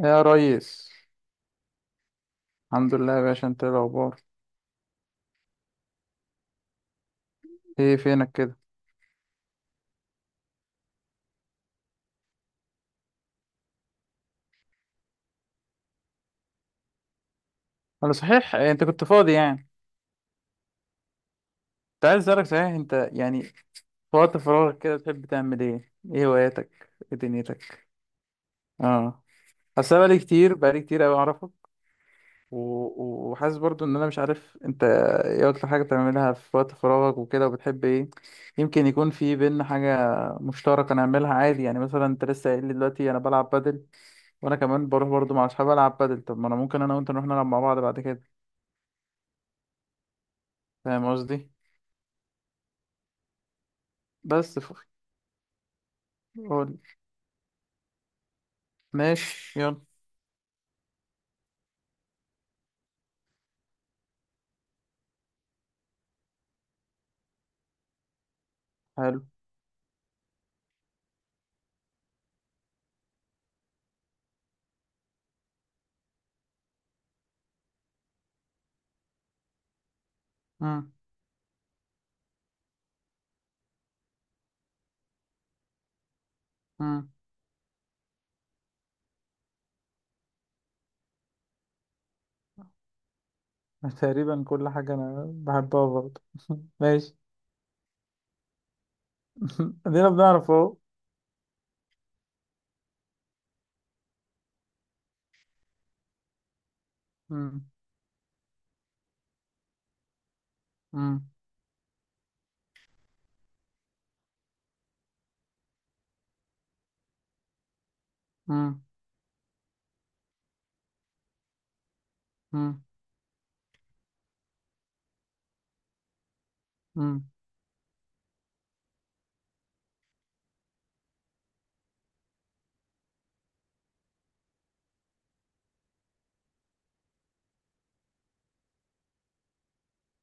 يا ريس. الحمد لله يا باشا، انت ايه الاخبار؟ ايه فينك كده؟ انا صحيح إيه، انت كنت فاضي يعني؟ كنت عايز اسالك، صحيح انت يعني في وقت فراغك كده بتحب تعمل ايه هواياتك؟ ايه دنيتك؟ اه، اصل أنا بقالي كتير قوي اعرفك. و... و- وحاسس برضو ان انا مش عارف انت ايه اكتر حاجه بتعملها في وقت فراغك وكده وبتحب ايه. يمكن يكون في بينا حاجه مشتركه نعملها عادي، يعني مثلا انت لسه قايل لي دلوقتي انا بلعب بادل، وانا كمان بروح برضو مع اصحابي العب بادل، طب ما انا ممكن انا وانت نروح نلعب مع بعض بعد كده. فاهم قصدي؟ بس ف- قول. ماشي يلا. حلو. مم. مم. تقريبا كل حاجة أنا بحبها برضه. ماشي. ادينا بنعرف اهو. مم. مم. مم. مم. مم.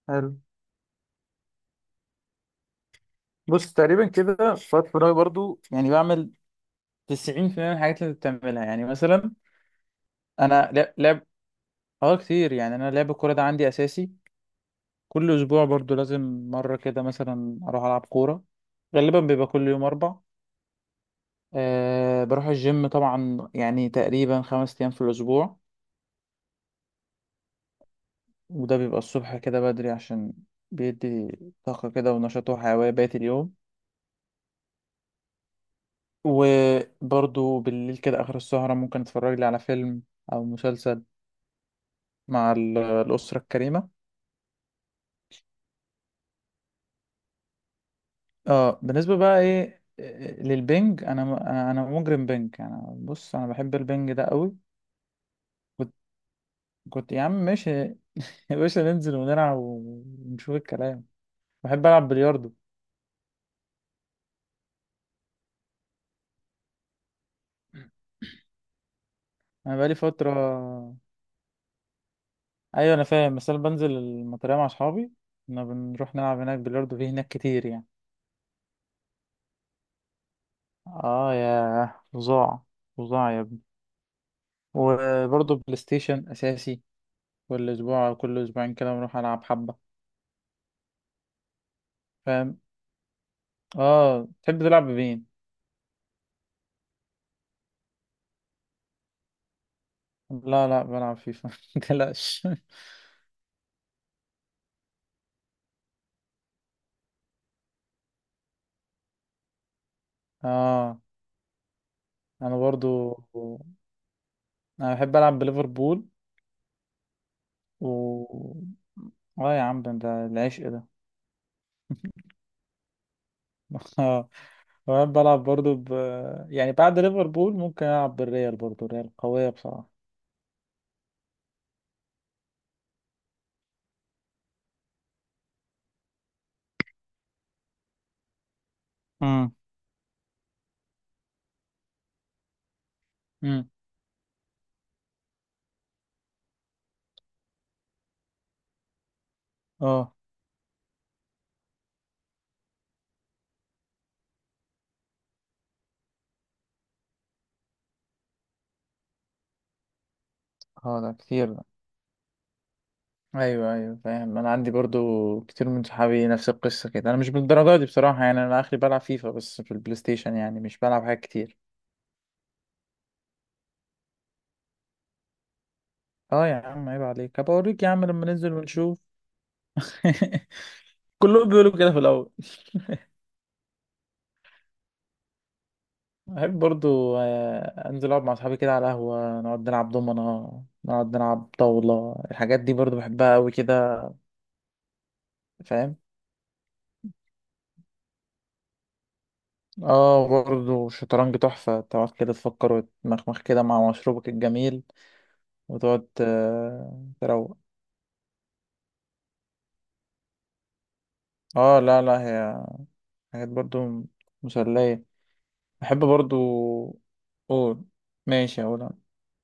حلو. بص، تقريبا كده في وقت فراغي برضه يعني بعمل 90% من الحاجات اللي بتعملها، يعني مثلا أنا لعب لعب. اه، كتير. يعني أنا لعب الكورة ده عندي أساسي، كل أسبوع برضه لازم مرة كده مثلا أروح ألعب كورة، غالبا بيبقى كل يوم أربع. أه، بروح الجيم طبعا، يعني تقريبا 5 أيام في الأسبوع. وده بيبقى الصبح كده بدري، عشان بيدي طاقة كده ونشاط وحيوية بقية اليوم. وبرضو بالليل كده آخر السهرة ممكن أتفرج لي على فيلم أو مسلسل مع الأسرة الكريمة. اه، بالنسبة بقى إيه، للبنج، أنا مجرم بنج. أنا بص، أنا بحب البنج ده قوي. كنت كنت يا عم ماشي. يا باشا، ننزل ونلعب ونشوف الكلام. بحب ألعب بلياردو. أنا بقالي فترة. ايوه، انا فاهم، بس انا بنزل المطريه مع اصحابي، كنا بنروح نلعب هناك بلياردو في هناك كتير يعني. اه، يا فظاع، فظاع يا ابني. وبرضه بلاي ستيشن اساسي، كل اسبوع أو كل اسبوعين كده بنروح العب حبه. فاهم. اه، تحب تلعب بمين؟ لا لا، بلعب فيفا. متقلقش. اه انا برضو انا بحب العب بليفربول. و اه، يا عم، ده العشق ده. اه. وأنا بلعب برضو يعني بعد ليفربول ممكن ألعب بالريال، برضو الريال قوية بصراحة. امم، امم. اه اه، ده كتير ده. ايوه ايوه، فاهم. انا عندي برضو كتير من صحابي نفس القصه كده. انا مش بالدرجه دي بصراحه، يعني انا اخري بلعب فيفا بس في البلاي ستيشن، يعني مش بلعب حاجات كتير. اه يا عم عيب عليك، هبقى اوريك يا عم لما ننزل ونشوف. كلهم بيقولوا كده في الاول. بحب برضو انزل اقعد مع اصحابي كده على قهوه، نقعد نلعب دومنه، نقعد نلعب طاوله. الحاجات دي برضو بحبها قوي كده. فاهم. اه، برضه شطرنج تحفة، تقعد كده تفكر وتمخمخ كده مع مشروبك الجميل، وتقعد تروق. اه لا لا، هي حاجات برضه مسلية. بحب برضه. قول. ماشي اقول أنا.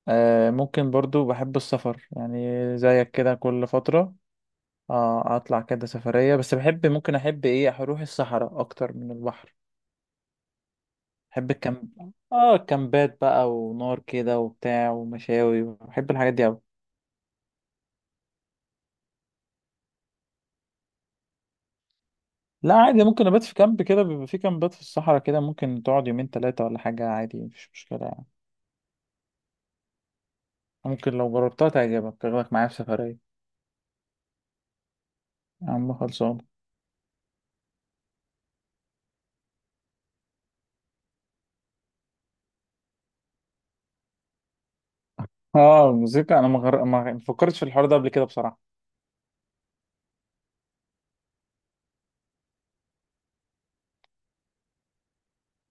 ممكن برضه بحب السفر يعني، زيك كده كل فترة. اطلع كده سفرية، بس بحب، ممكن احب ايه اروح الصحراء اكتر من البحر. بحب الكامب. اه، الكامبات بقى، ونار كده وبتاع ومشاوي، بحب الحاجات دي أوي. لا عادي، ممكن ابات في كامب كده، بيبقى في كامبات في الصحراء كده ممكن تقعد يومين ثلاثة ولا حاجة، عادي مفيش مشكلة يعني. ممكن لو جربتها تعجبك، تاخدك معايا في سفرية. يا عم خلصان. اه الموسيقى انا ما فكرتش في الحوار ده قبل كده بصراحة.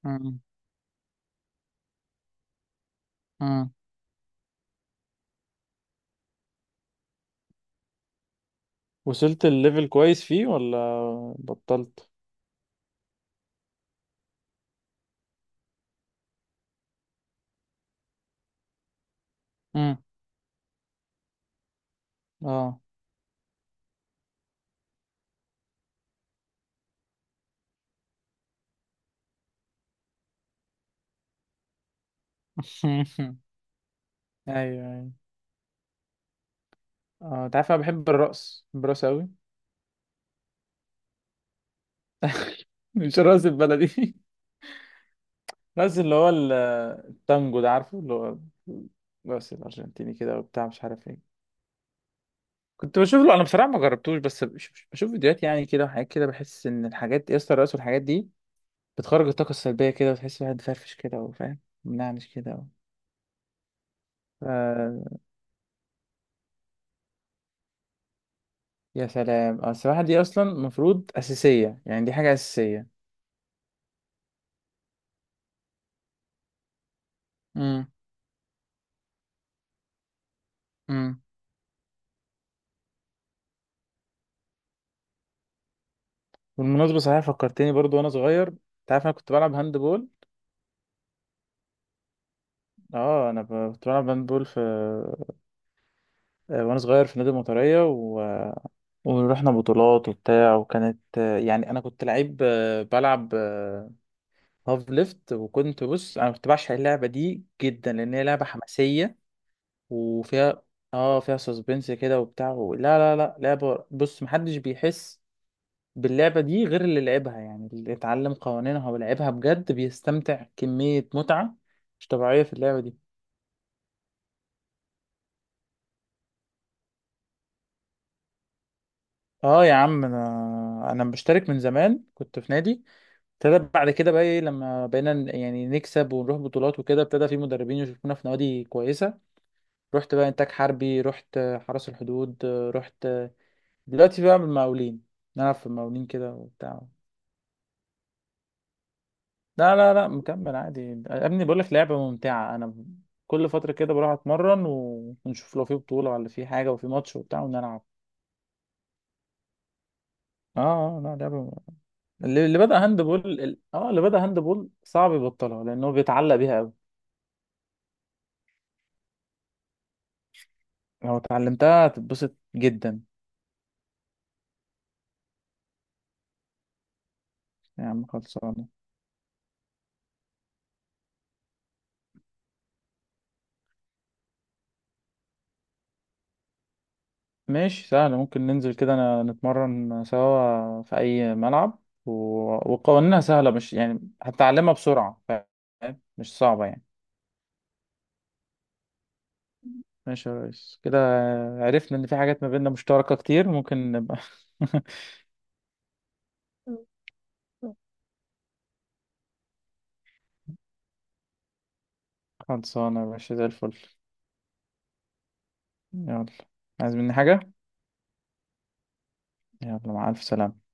امم، امم. وصلت الليفل كويس فيه ولا بطلت؟ امم. اه. ايوه ايوه. اه انت عارف، انا بحب الرقص، بحب الرقص قوي. مش الرقص البلدي، نازل اللي هو التانجو ده، عارفه، اللي هو بس الأرجنتيني كده وبتاع مش عارف ايه. كنت بشوف له أنا بصراحة، ما جربتوش بس بشوف فيديوهات يعني كده وحاجات كده. بحس إن الحاجات يا اسطى، الرقص والحاجات دي بتخرج الطاقة السلبية كده، وتحس الواحد فرفش كده وفاهم منعنش كده. ف... يا سلام، السباحة دي أصلا المفروض أساسية، يعني دي حاجة أساسية. امم، امم. بالمناسبة صحيح فكرتني، برضو وأنا صغير أنت عارف أنا كنت بلعب هاند بول. اه انا كنت بلعب هاند بول في، وانا صغير في نادي المطريه. ورحنا بطولات وبتاع، وكانت يعني انا كنت لعيب، بلعب هاف ليفت. وكنت بص، انا كنت بعشق اللعبه دي جدا لان هي لعبه حماسيه وفيها. اه فيها سسبنس كده وبتاع لا لا لا، لعبه بص محدش بيحس باللعبه دي غير اللي لعبها، يعني اللي اتعلم قوانينها ولعبها بجد بيستمتع كميه متعه مش طبيعيه في اللعبه دي. اه يا عم انا مشترك من زمان، كنت في نادي. ابتدى بعد كده بقى ايه، لما بقينا يعني نكسب ونروح بطولات وكده، ابتدى في مدربين يشوفونا في نوادي كويسة. رحت بقى انتاج حربي، رحت حرس الحدود، رحت دلوقتي بقى بالمقاولين، نلعب في المقاولين كده وبتاع. لا لا لا، مكمل عادي يا ابني، بقول لك لعبة ممتعة. انا كل فترة كده بروح اتمرن، و- ونشوف لو في بطولة ولا في حاجة وفي ماتش وبتاع، ونلعب. اه لا لعبة اللي بدأ هاند بول صعب يبطلها، لأنه بيتعلق بيها قوي. لو اتعلمتها هتتبسط جدا. يا عم خلصانة. ماشي سهل، ممكن ننزل كده نتمرن سوا في أي ملعب و... وقوانينها سهلة مش يعني، هتتعلمها بسرعة. فاهم، مش صعبة يعني. ماشي يا ريس كده، عرفنا إن في حاجات ما بيننا مشتركة كتير، ممكن نبقى. خلصانة يا باشا زي الفل. يلا، عايز مني حاجة؟ يلا، مع ألف سلامة.